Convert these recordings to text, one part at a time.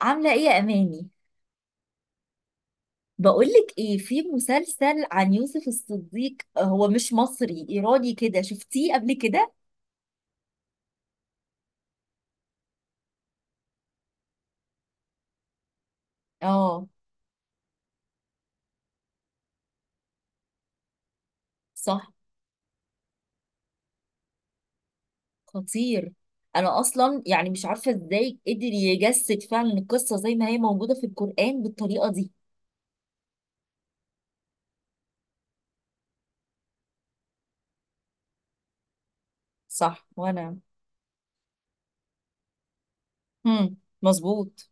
عاملة ايه يا اماني؟ بقولك ايه، في مسلسل عن يوسف الصديق. هو مش مصري، ايراني كده. شفتيه قبل كده؟ اه. صح. خطير. انا اصلا يعني مش عارفة ازاي قدر يجسد فعلا القصة زي ما هي موجودة في القرآن بالطريقة دي. صح وانا. هم. مظبوط.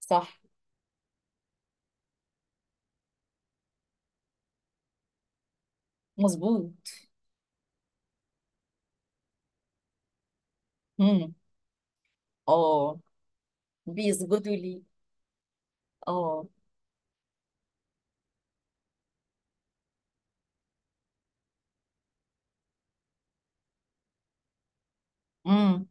صح. مظبوط. هم. اه، بيسجدوا لي. اه. امم.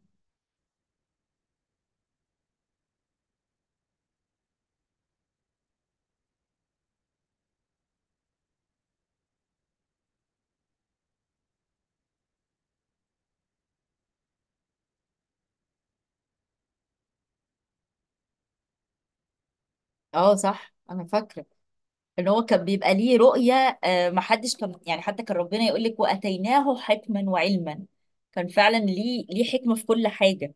اه صح، انا فاكرة ان هو كان بيبقى ليه رؤية، محدش كان يعني، حتى كان ربنا يقول لك واتيناه حكما وعلما. كان فعلا ليه حكمة في كل حاجة.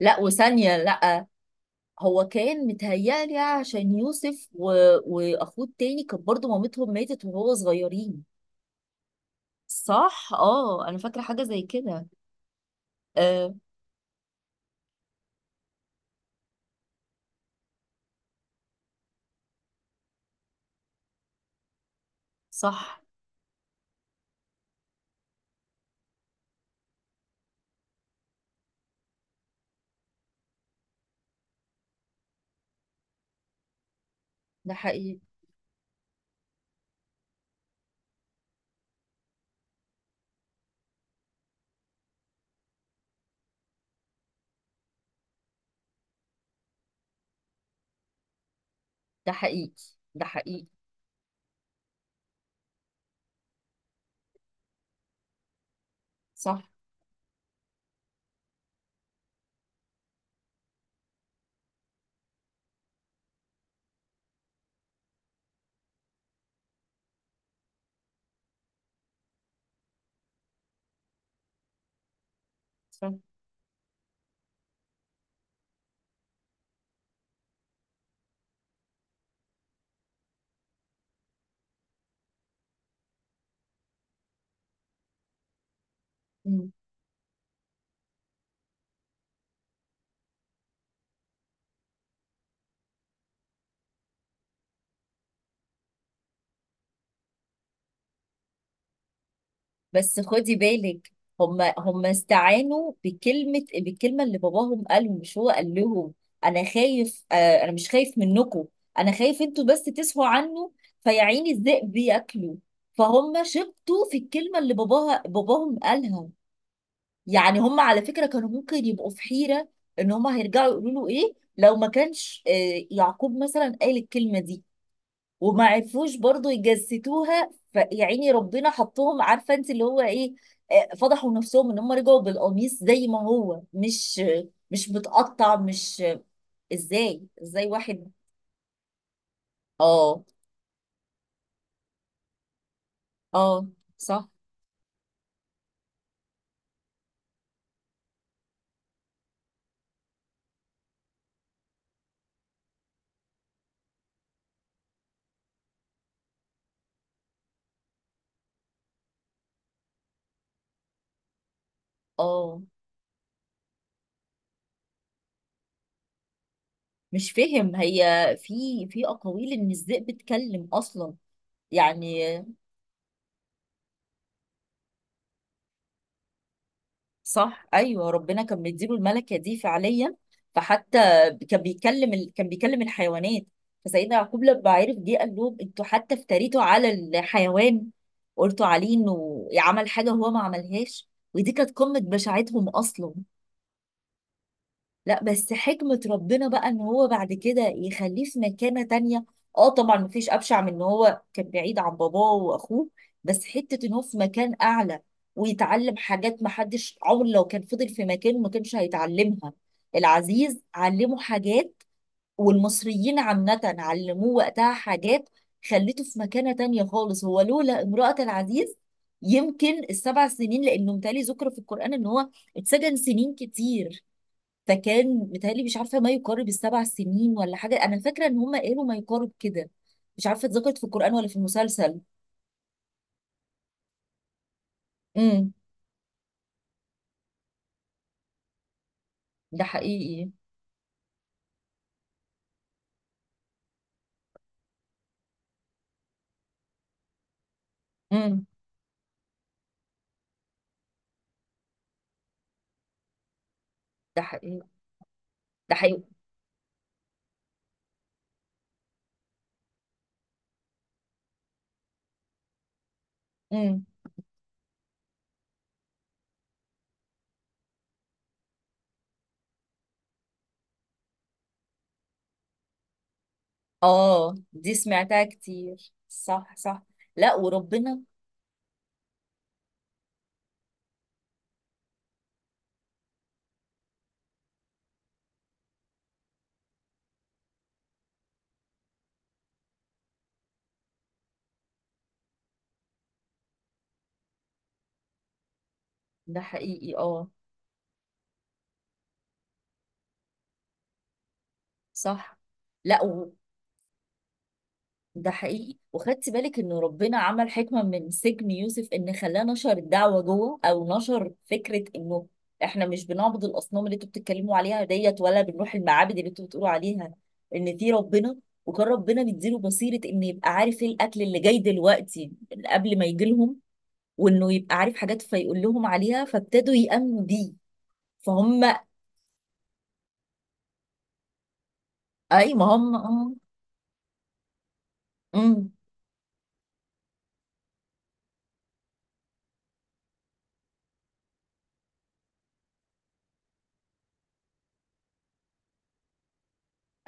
لا وثانية لا. هو كان متهيألي عشان يوسف واخوه التاني كان برضه مامتهم ماتت وهو صغيرين. صح اه، انا فاكرة حاجة زي كده. آه. صح. ده حقيقي. ده حقيقي. ده حقيقي. صح. صح. بس خدي بالك، هم استعانوا بالكلمة اللي باباهم قالهم، مش هو قال لهم أنا خايف. أنا مش خايف منكم، أنا خايف أنتوا بس تسهوا عنه، فيا عيني الذئب بياكلوا. فهم شبطوا في الكلمة اللي باباهم قالها. يعني هم على فكرة كانوا ممكن يبقوا في حيرة إن هم هيرجعوا يقولوا له إيه لو ما كانش يعقوب مثلا قال الكلمة دي. وما عرفوش برضو يجسدوها، فيا عيني ربنا حطهم، عارفه انت اللي هو ايه. فضحوا نفسهم ان هم رجعوا بالقميص زي ما هو، مش متقطع، مش ازاي، واحد. اه. اه. صح. اه، مش فاهم هي. في اقاويل ان الذئب اتكلم اصلا. يعني صح، ايوه ربنا كان مديله الملكه دي فعليا. فحتى كان كان بيكلم الحيوانات. فسيدنا يعقوب لما عرف، جه قال لهم انتوا حتى افتريتوا على الحيوان، قلتوا عليه انه عمل حاجه هو ما عملهاش، ودي كانت قمه بشاعتهم اصلا. لا، بس حكمة ربنا بقى ان هو بعد كده يخليه في مكانة تانية. اه طبعا مفيش ابشع من ان هو كان بعيد عن باباه واخوه، بس حتة ان هو في مكان اعلى ويتعلم حاجات محدش عمره، لو كان فضل في مكانه ما كانش هيتعلمها. العزيز علمه حاجات، والمصريين عامة علموه وقتها حاجات، خليته في مكانة تانية خالص. هو لولا امرأة العزيز يمكن السبع سنين، لانه متهيألي ذكر في القرآن ان هو اتسجن سنين كتير. فكان متهيألي، مش عارفة، ما يقارب السبع سنين ولا حاجة. أنا فاكرة إن هم قالوا ما يقارب كده، مش عارفة اتذكرت في القرآن ولا في المسلسل. امم. ده حقيقي. امم. ده حقيقي. ده حقيقي. امم. اه دي سمعتها كتير، صح صح. لا وربنا. ده حقيقي. اه. صح. لا، ده حقيقي. وخدت بالك انه ربنا عمل حكمة من سجن يوسف، ان خلاه نشر الدعوة جوه، او نشر فكرة انه احنا مش بنعبد الاصنام اللي انتوا بتتكلموا عليها ديت، ولا بنروح المعابد اللي انتوا بتقولوا عليها، ان في ربنا. وكان ربنا مديله بصيرة انه يبقى عارف ايه الاكل اللي جاي دلوقتي قبل ما يجي لهم، وانه يبقى عارف حاجات فيقول لهم عليها، فابتدوا يأمنوا بيه. فهم. اي ما هم، اه. امم.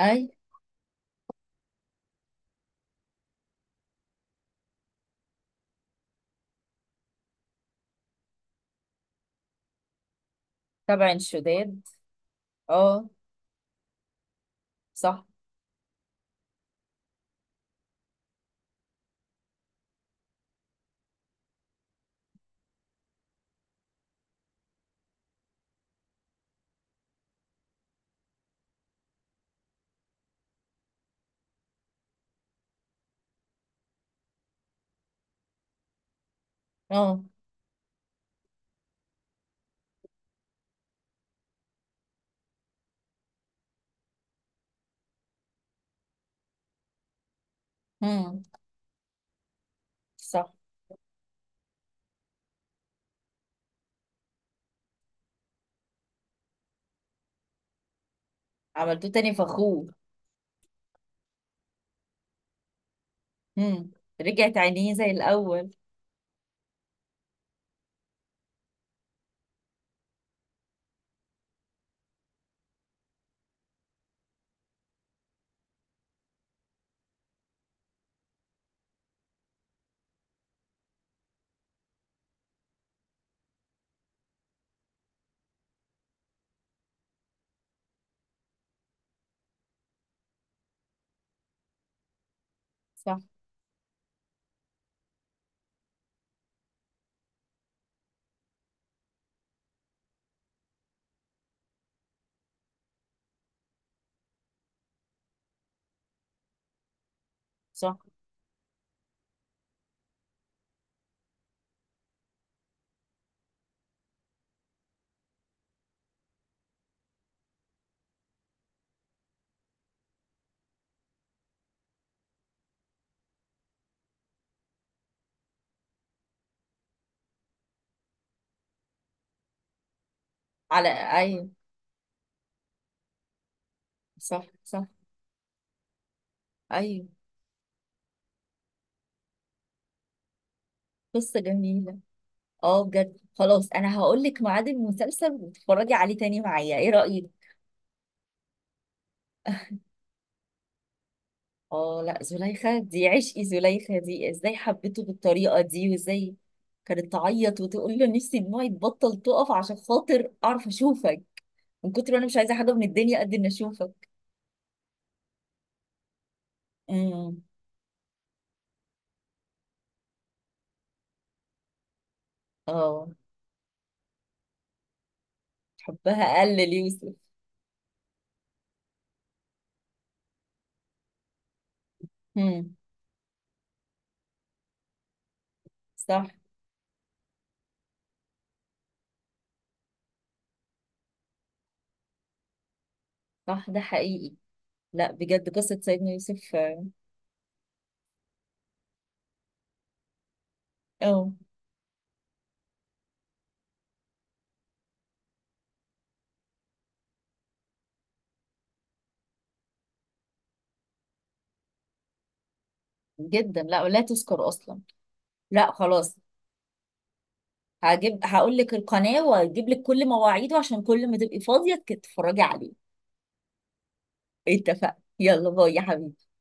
اي. تبع الشداد. اه. صح. اه. امم. صح. عملتوه تاني فخور. امم. رجعت عينيه زي الأول. صح. صح. على أيوه. صح. صح. أيوه. قصة جميلة. اه بجد، خلاص أنا هقول لك ميعاد المسلسل وتتفرجي عليه تاني معايا، إيه رأيك؟ اه لا، زليخة دي عشقي. زليخة دي ازاي حبيته بالطريقة دي، وازاي كانت تعيط وتقول له نفسي دموعي تبطل تقف عشان خاطر أعرف أشوفك، من كتر ما أنا مش عايزة حاجة من الدنيا قد إني أشوفك. امم. اه. حبها قل ليوسف. امم. صح. صح ده حقيقي. لا بجد قصة سيدنا يوسف، آه. اه جدا، لا ولا تذكر اصلا. لا خلاص، هجيب، هقول لك القناة وهجيب لك كل مواعيده عشان كل ما تبقي فاضية تتفرجي عليه. اتفقنا، يلا باي يا حبيبي.